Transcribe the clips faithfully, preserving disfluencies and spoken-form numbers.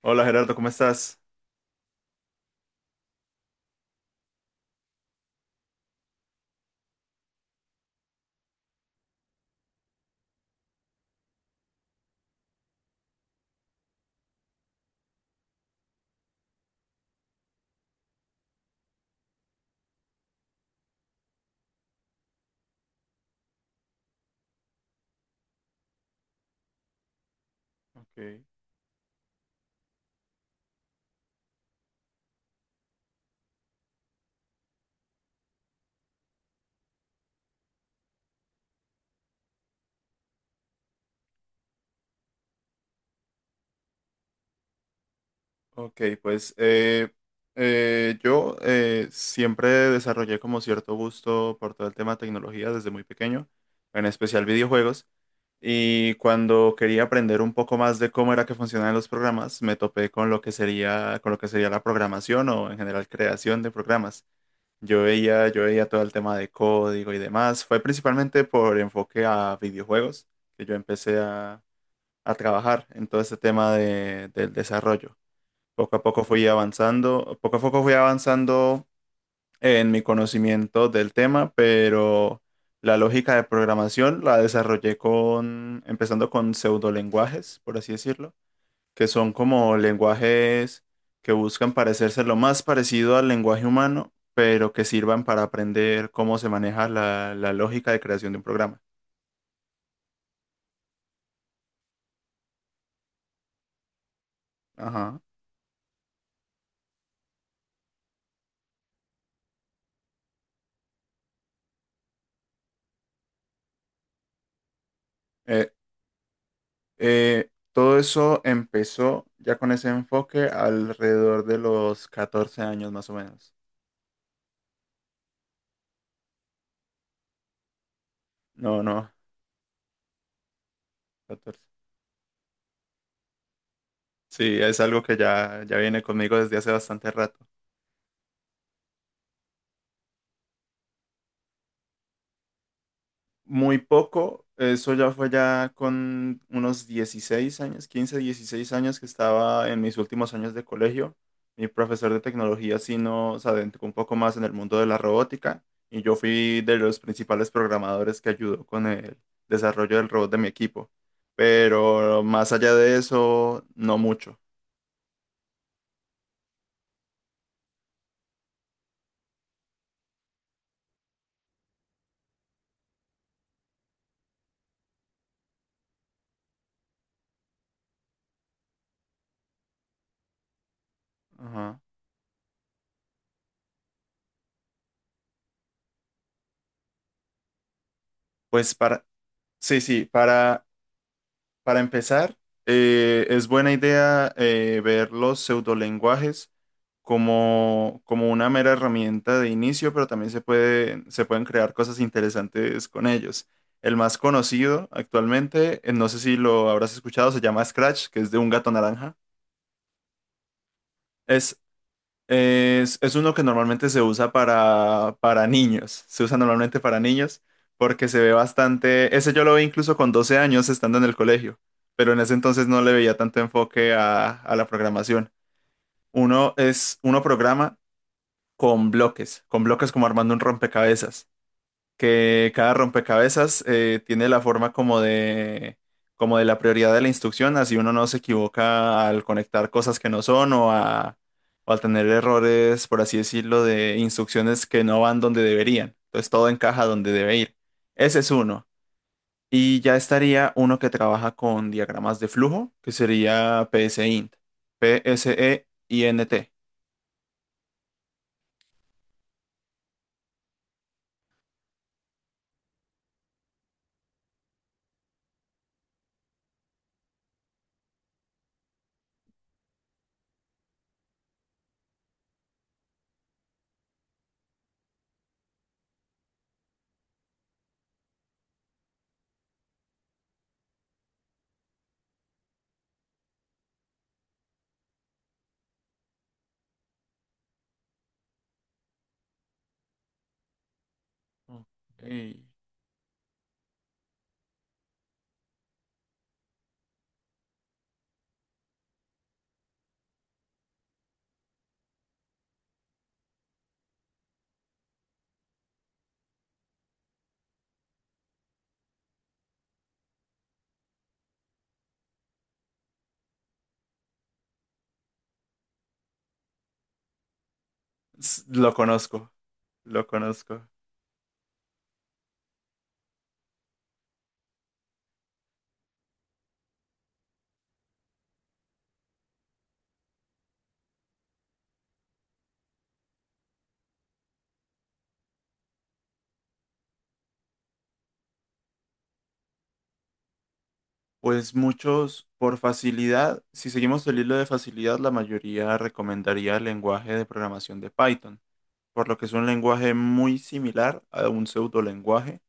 Hola Gerardo, ¿cómo estás? Okay, ok, pues eh, eh, yo eh, siempre desarrollé como cierto gusto por todo el tema de tecnología desde muy pequeño, en especial videojuegos, y cuando quería aprender un poco más de cómo era que funcionaban los programas, me topé con lo que sería, con lo que sería la programación o en general creación de programas. Yo veía, yo veía todo el tema de código y demás. Fue principalmente por enfoque a videojuegos que yo empecé a trabajar en todo este tema de- del desarrollo. Poco a poco fui avanzando, poco a poco fui avanzando en mi conocimiento del tema, pero la lógica de programación la desarrollé con, empezando con pseudolenguajes, por así decirlo, que son como lenguajes que buscan parecerse lo más parecido al lenguaje humano, pero que sirvan para aprender cómo se maneja la, la lógica de creación de un programa. Ajá. Eh, Eh, todo eso empezó ya con ese enfoque alrededor de los catorce años más o menos. No, no. Catorce. Sí, es algo que ya, ya viene conmigo desde hace bastante rato. Muy poco. Eso ya fue ya con unos dieciséis años, quince dieciséis años que estaba en mis últimos años de colegio. Mi profesor de tecnología sí nos adentró un poco más en el mundo de la robótica y yo fui de los principales programadores que ayudó con el desarrollo del robot de mi equipo. Pero más allá de eso, no mucho. Ajá. Pues para, sí, sí, para Para empezar, eh, es buena idea eh, ver los pseudolenguajes como, como una mera herramienta de inicio, pero también se puede, se pueden crear cosas interesantes con ellos. El más conocido actualmente, eh, no sé si lo habrás escuchado, se llama Scratch, que es de un gato naranja. Es es, es uno que normalmente se usa para, para niños, se usa normalmente para niños porque se ve bastante, ese yo lo vi incluso con doce años estando en el colegio, pero en ese entonces no le veía tanto enfoque a, a la programación. Uno es, uno programa con bloques, con bloques como armando un rompecabezas que cada rompecabezas eh, tiene la forma como de, como de la prioridad de la instrucción, así uno no se equivoca al conectar cosas que no son o, a, o al tener errores, por así decirlo, de instrucciones que no van donde deberían. Entonces todo encaja donde debe ir. Ese es uno. Y ya estaría uno que trabaja con diagramas de flujo, que sería PSEINT. P S E I N T. Ok. S- Lo conozco, lo conozco. Pues muchos, por facilidad, si seguimos el hilo de facilidad, la mayoría recomendaría el lenguaje de programación de Python, por lo que es un lenguaje muy similar a un pseudolenguaje,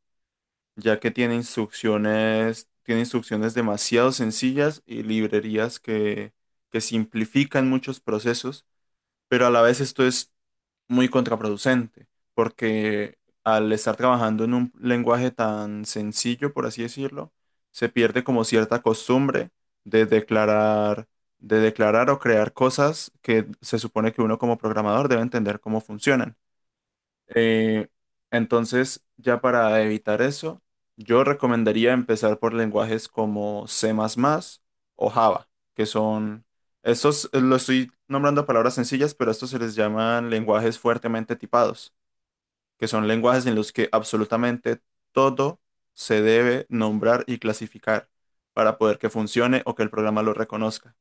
ya que tiene instrucciones, tiene instrucciones demasiado sencillas y librerías que, que simplifican muchos procesos, pero a la vez esto es muy contraproducente, porque al estar trabajando en un lenguaje tan sencillo, por así decirlo, se pierde como cierta costumbre de declarar, de declarar, o crear cosas que se supone que uno como programador debe entender cómo funcionan. Eh, entonces, ya para evitar eso, yo recomendaría empezar por lenguajes como C más más o Java, que son, estos eh, lo estoy nombrando palabras sencillas, pero estos se les llaman lenguajes fuertemente tipados, que son lenguajes en los que absolutamente todo se debe nombrar y clasificar para poder que funcione o que el programa lo reconozca.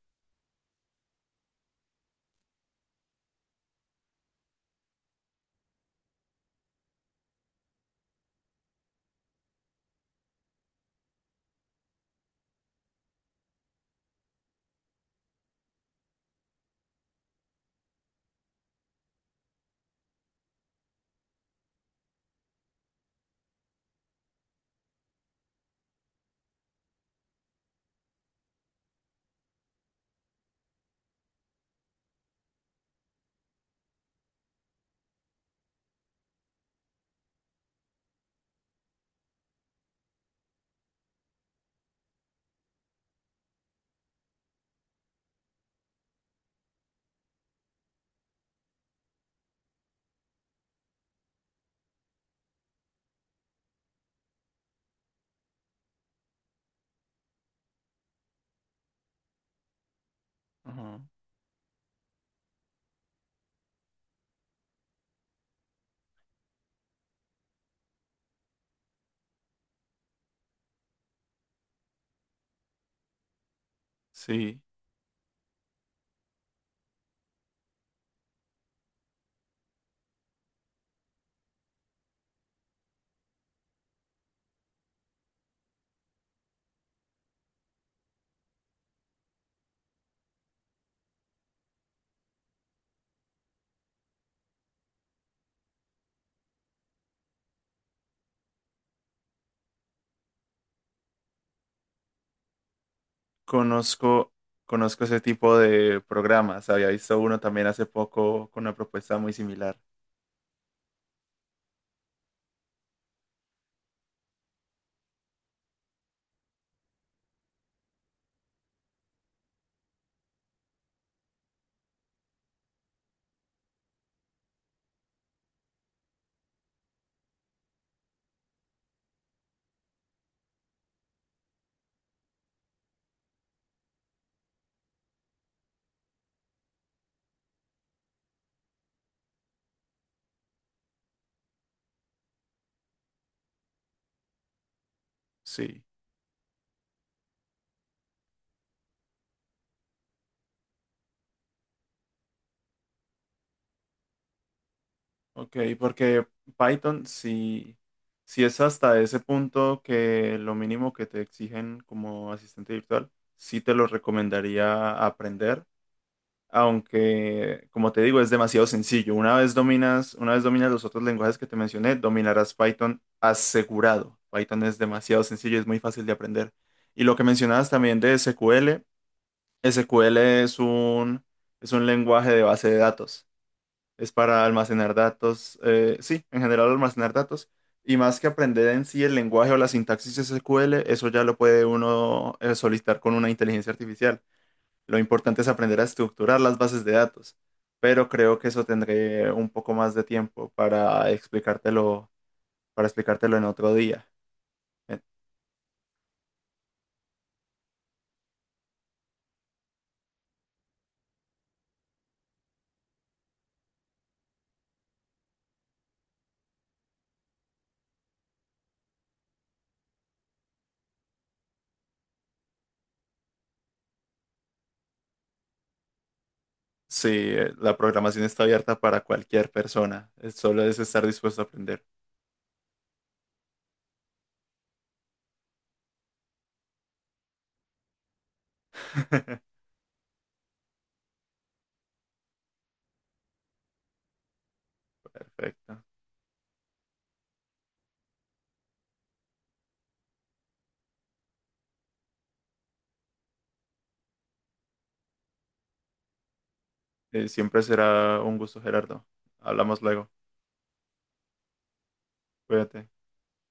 Ajá. Sí. Conozco, conozco ese tipo de programas. Había visto uno también hace poco con una propuesta muy similar. Sí, ok, porque Python sí, sí es hasta ese punto que lo mínimo que te exigen como asistente virtual, sí te lo recomendaría aprender aunque como te digo es demasiado sencillo. Una vez dominas, una vez dominas los otros lenguajes que te mencioné, dominarás Python asegurado. Python es demasiado sencillo, es muy fácil de aprender. Y lo que mencionabas también de S Q L, S Q L, es un, es un lenguaje de base de datos. Es para almacenar datos, eh, sí, en general almacenar datos. Y más que aprender en sí el lenguaje o la sintaxis de S Q L, eso ya lo puede uno eh, solicitar con una inteligencia artificial. Lo importante es aprender a estructurar las bases de datos, pero creo que eso tendré un poco más de tiempo para explicártelo, para explicártelo, en otro día. Eh, Sí, eh, la programación está abierta para cualquier persona, eh, solo es estar dispuesto a aprender. Perfecto. Eh, siempre será un gusto, Gerardo. Hablamos luego. Cuídate.